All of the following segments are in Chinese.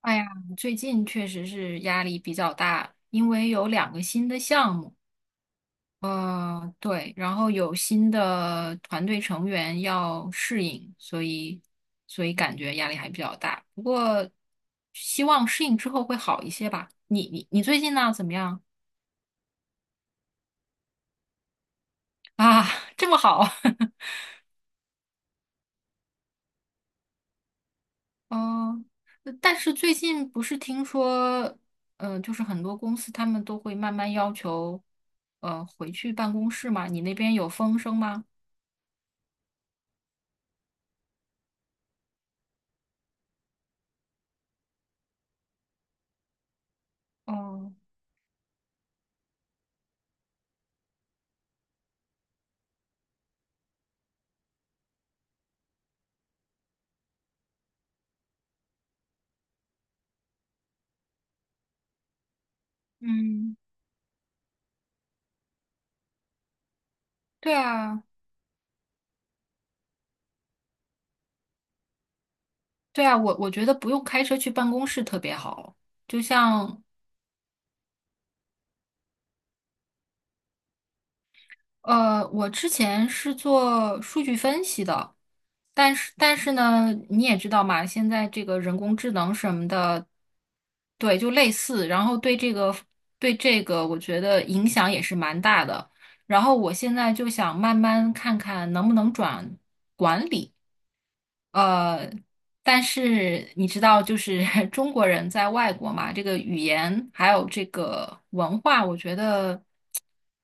哎呀，最近确实是压力比较大，因为有两个新的项目，对，然后有新的团队成员要适应，所以感觉压力还比较大。不过希望适应之后会好一些吧。你最近呢？怎么样啊？这么好？哦，但是最近不是听说，就是很多公司他们都会慢慢要求，回去办公室嘛？你那边有风声吗？哦，嗯，对啊，对啊，我觉得不用开车去办公室特别好。就像，我之前是做数据分析的，但是呢，你也知道嘛，现在这个人工智能什么的，对，就类似，然后对这个，我觉得影响也是蛮大的。然后我现在就想慢慢看看能不能转管理。呃，但是你知道，就是 中国人在外国嘛，这个语言还有这个文化，我觉得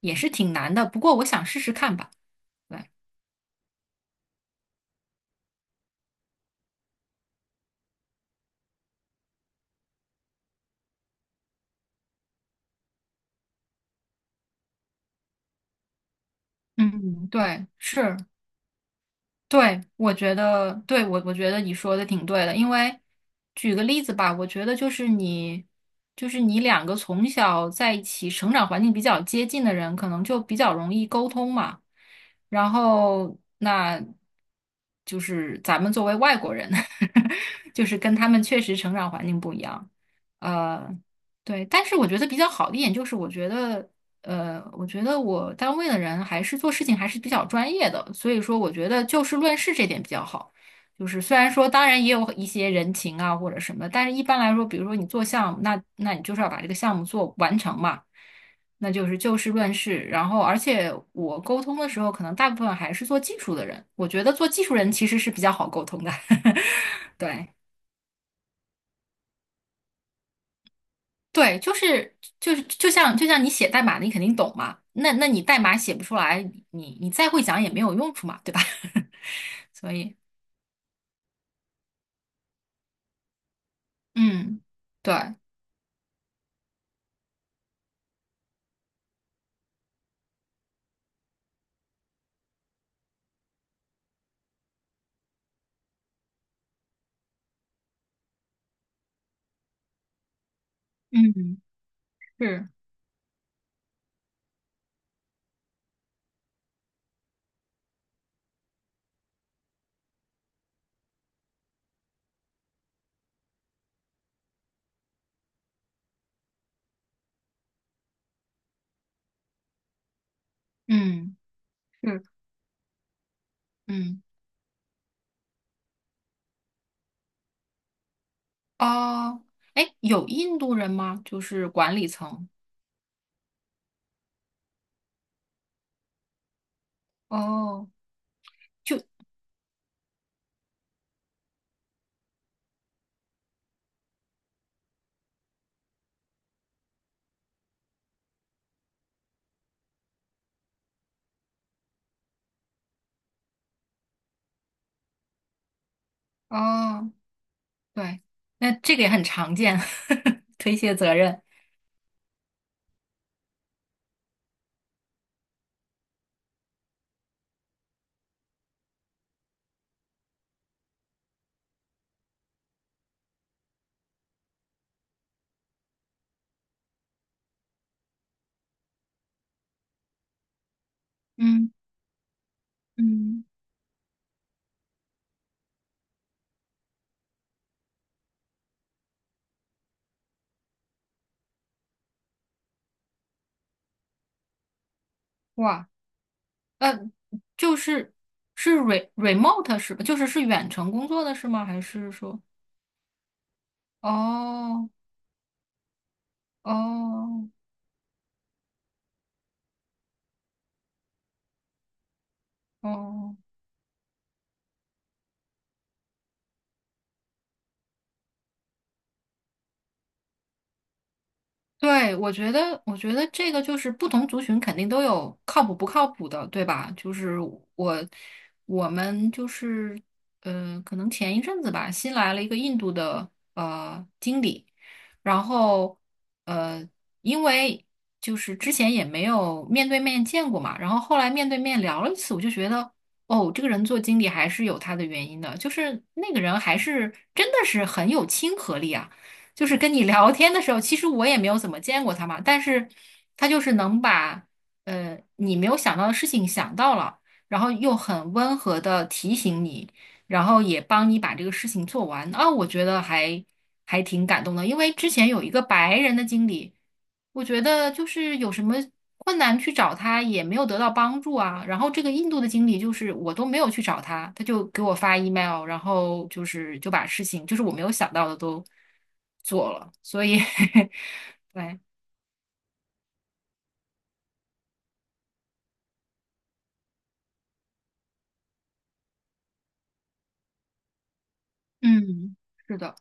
也是挺难的。不过我想试试看吧。对，嗯，对，是。对，我觉得，对，我觉得你说的挺对的，因为举个例子吧，我觉得就是你，就是你两个从小在一起成长环境比较接近的人，可能就比较容易沟通嘛。然后，那就是咱们作为外国人，就是跟他们确实成长环境不一样。呃，对，但是我觉得比较好的一点就是，我觉得我单位的人还是做事情还是比较专业的，所以说我觉得就事论事这点比较好。就是虽然说，当然也有一些人情啊或者什么，但是一般来说，比如说你做项目，那你就是要把这个项目做完成嘛，那就是就事论事。然后，而且我沟通的时候，可能大部分还是做技术的人，我觉得做技术人其实是比较好沟通的。对。对，就像你写代码，你肯定懂嘛。那你代码写不出来，你再会讲也没有用处嘛，对吧？所以，嗯，对，嗯，是，嗯是，嗯，哦，哎，有印度人吗？就是管理层，哦，就哦，对，那这个也很常见，推卸责任，嗯嗯，哇。呃，就是是 remote 是吧？就是是远程工作的是吗？还是说？哦哦哦，对，我觉得这个就是不同族群肯定都有靠谱不靠谱的，对吧？就是我我们就是可能前一阵子吧，新来了一个印度的经理，然后呃，因为就是之前也没有面对面见过嘛，然后后来面对面聊了一次，我就觉得哦，这个人做经理还是有他的原因的，就是那个人还是真的是很有亲和力啊。就是跟你聊天的时候，其实我也没有怎么见过他嘛，但是他就是能把你没有想到的事情想到了，然后又很温和的提醒你。然后也帮你把这个事情做完啊，我觉得还挺感动的，因为之前有一个白人的经理，我觉得就是有什么困难去找他也没有得到帮助啊，然后这个印度的经理就是我都没有去找他，他就给我发 email，然后就是就把事情就是我没有想到的都做了，所以 对，嗯，是的，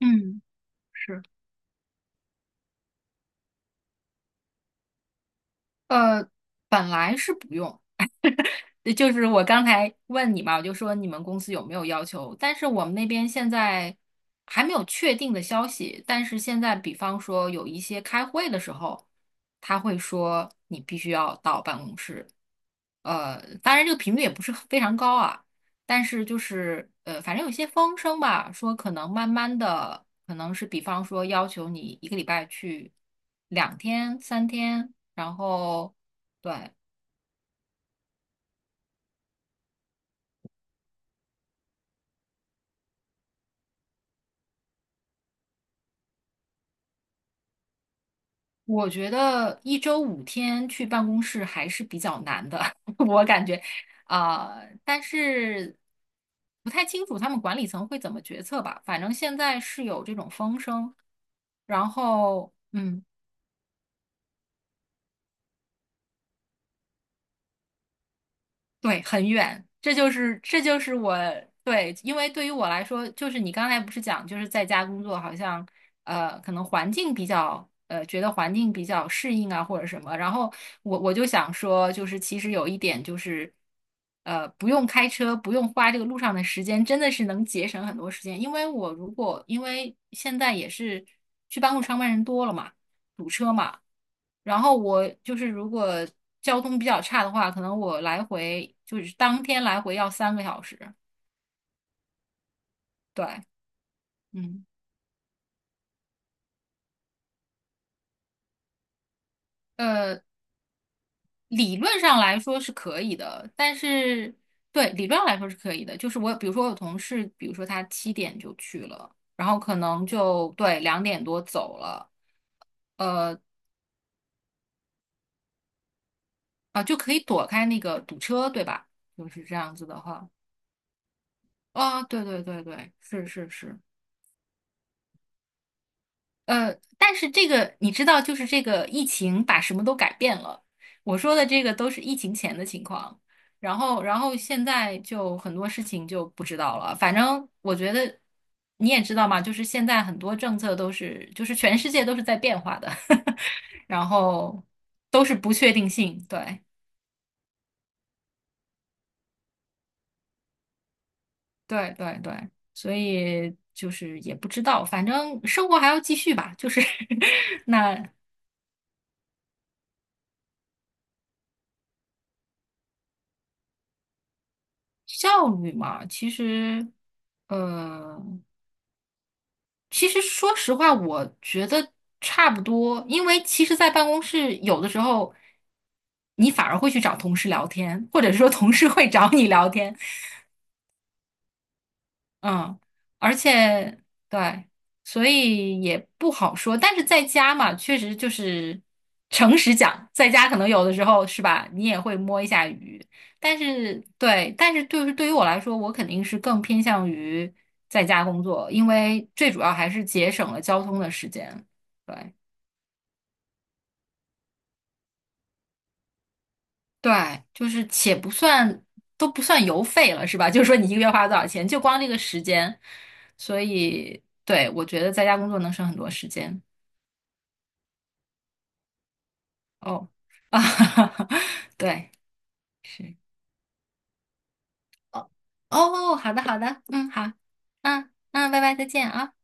嗯，是，呃，本来是不用。就是我刚才问你嘛，我就说你们公司有没有要求？但是我们那边现在还没有确定的消息。但是现在，比方说有一些开会的时候，他会说你必须要到办公室。当然这个频率也不是非常高啊，但是就是反正有些风声吧，说可能慢慢的，可能是比方说要求你一个礼拜去2天、3天，然后对。我觉得一周5天去办公室还是比较难的，我感觉，啊、但是不太清楚他们管理层会怎么决策吧。反正现在是有这种风声，然后，嗯。对，很远，这就是我对，因为对于我来说，就是你刚才不是讲，就是在家工作，好像可能环境比较呃，觉得环境比较适应啊，或者什么。然后我就想说，就是其实有一点就是，不用开车，不用花这个路上的时间，真的是能节省很多时间。因为现在也是去办公室上班人多了嘛。堵车嘛。然后我就是如果交通比较差的话，可能我来回就是当天来回要3个小时。对，嗯，呃，理论上来说是可以的，但是对理论上来说是可以的。就是我比如说我有同事，比如说他7点就去了，然后可能就对2点多走了，呃就可以躲开那个堵车，对吧？就是这样子的话，啊，对对对对，是是是，但是这个你知道，就是这个疫情把什么都改变了。我说的这个都是疫情前的情况，然后，然后现在就很多事情就不知道了。反正我觉得你也知道嘛，就是现在很多政策都是，就是全世界都是在变化的，然后都是不确定性。对，对，对，对，所以就是也不知道，反正生活还要继续吧。就是 那。效率嘛，其实，呃，说实话，我觉得差不多，因为其实，在办公室有的时候，你反而会去找同事聊天，或者说同事会找你聊天，嗯，而且对，所以也不好说。但是在家嘛，确实就是诚实讲，在家可能有的时候是吧，你也会摸一下鱼。但是对，但是对于我来说，我肯定是更偏向于在家工作，因为最主要还是节省了交通的时间。对对，就是且不算都不算油费了，是吧？就是说你一个月花了多少钱，就光这个时间，所以对，我觉得在家工作能省很多时间。哦，啊，对，是，哦，哦，好的，好的，嗯，好，嗯嗯，拜拜，再见啊。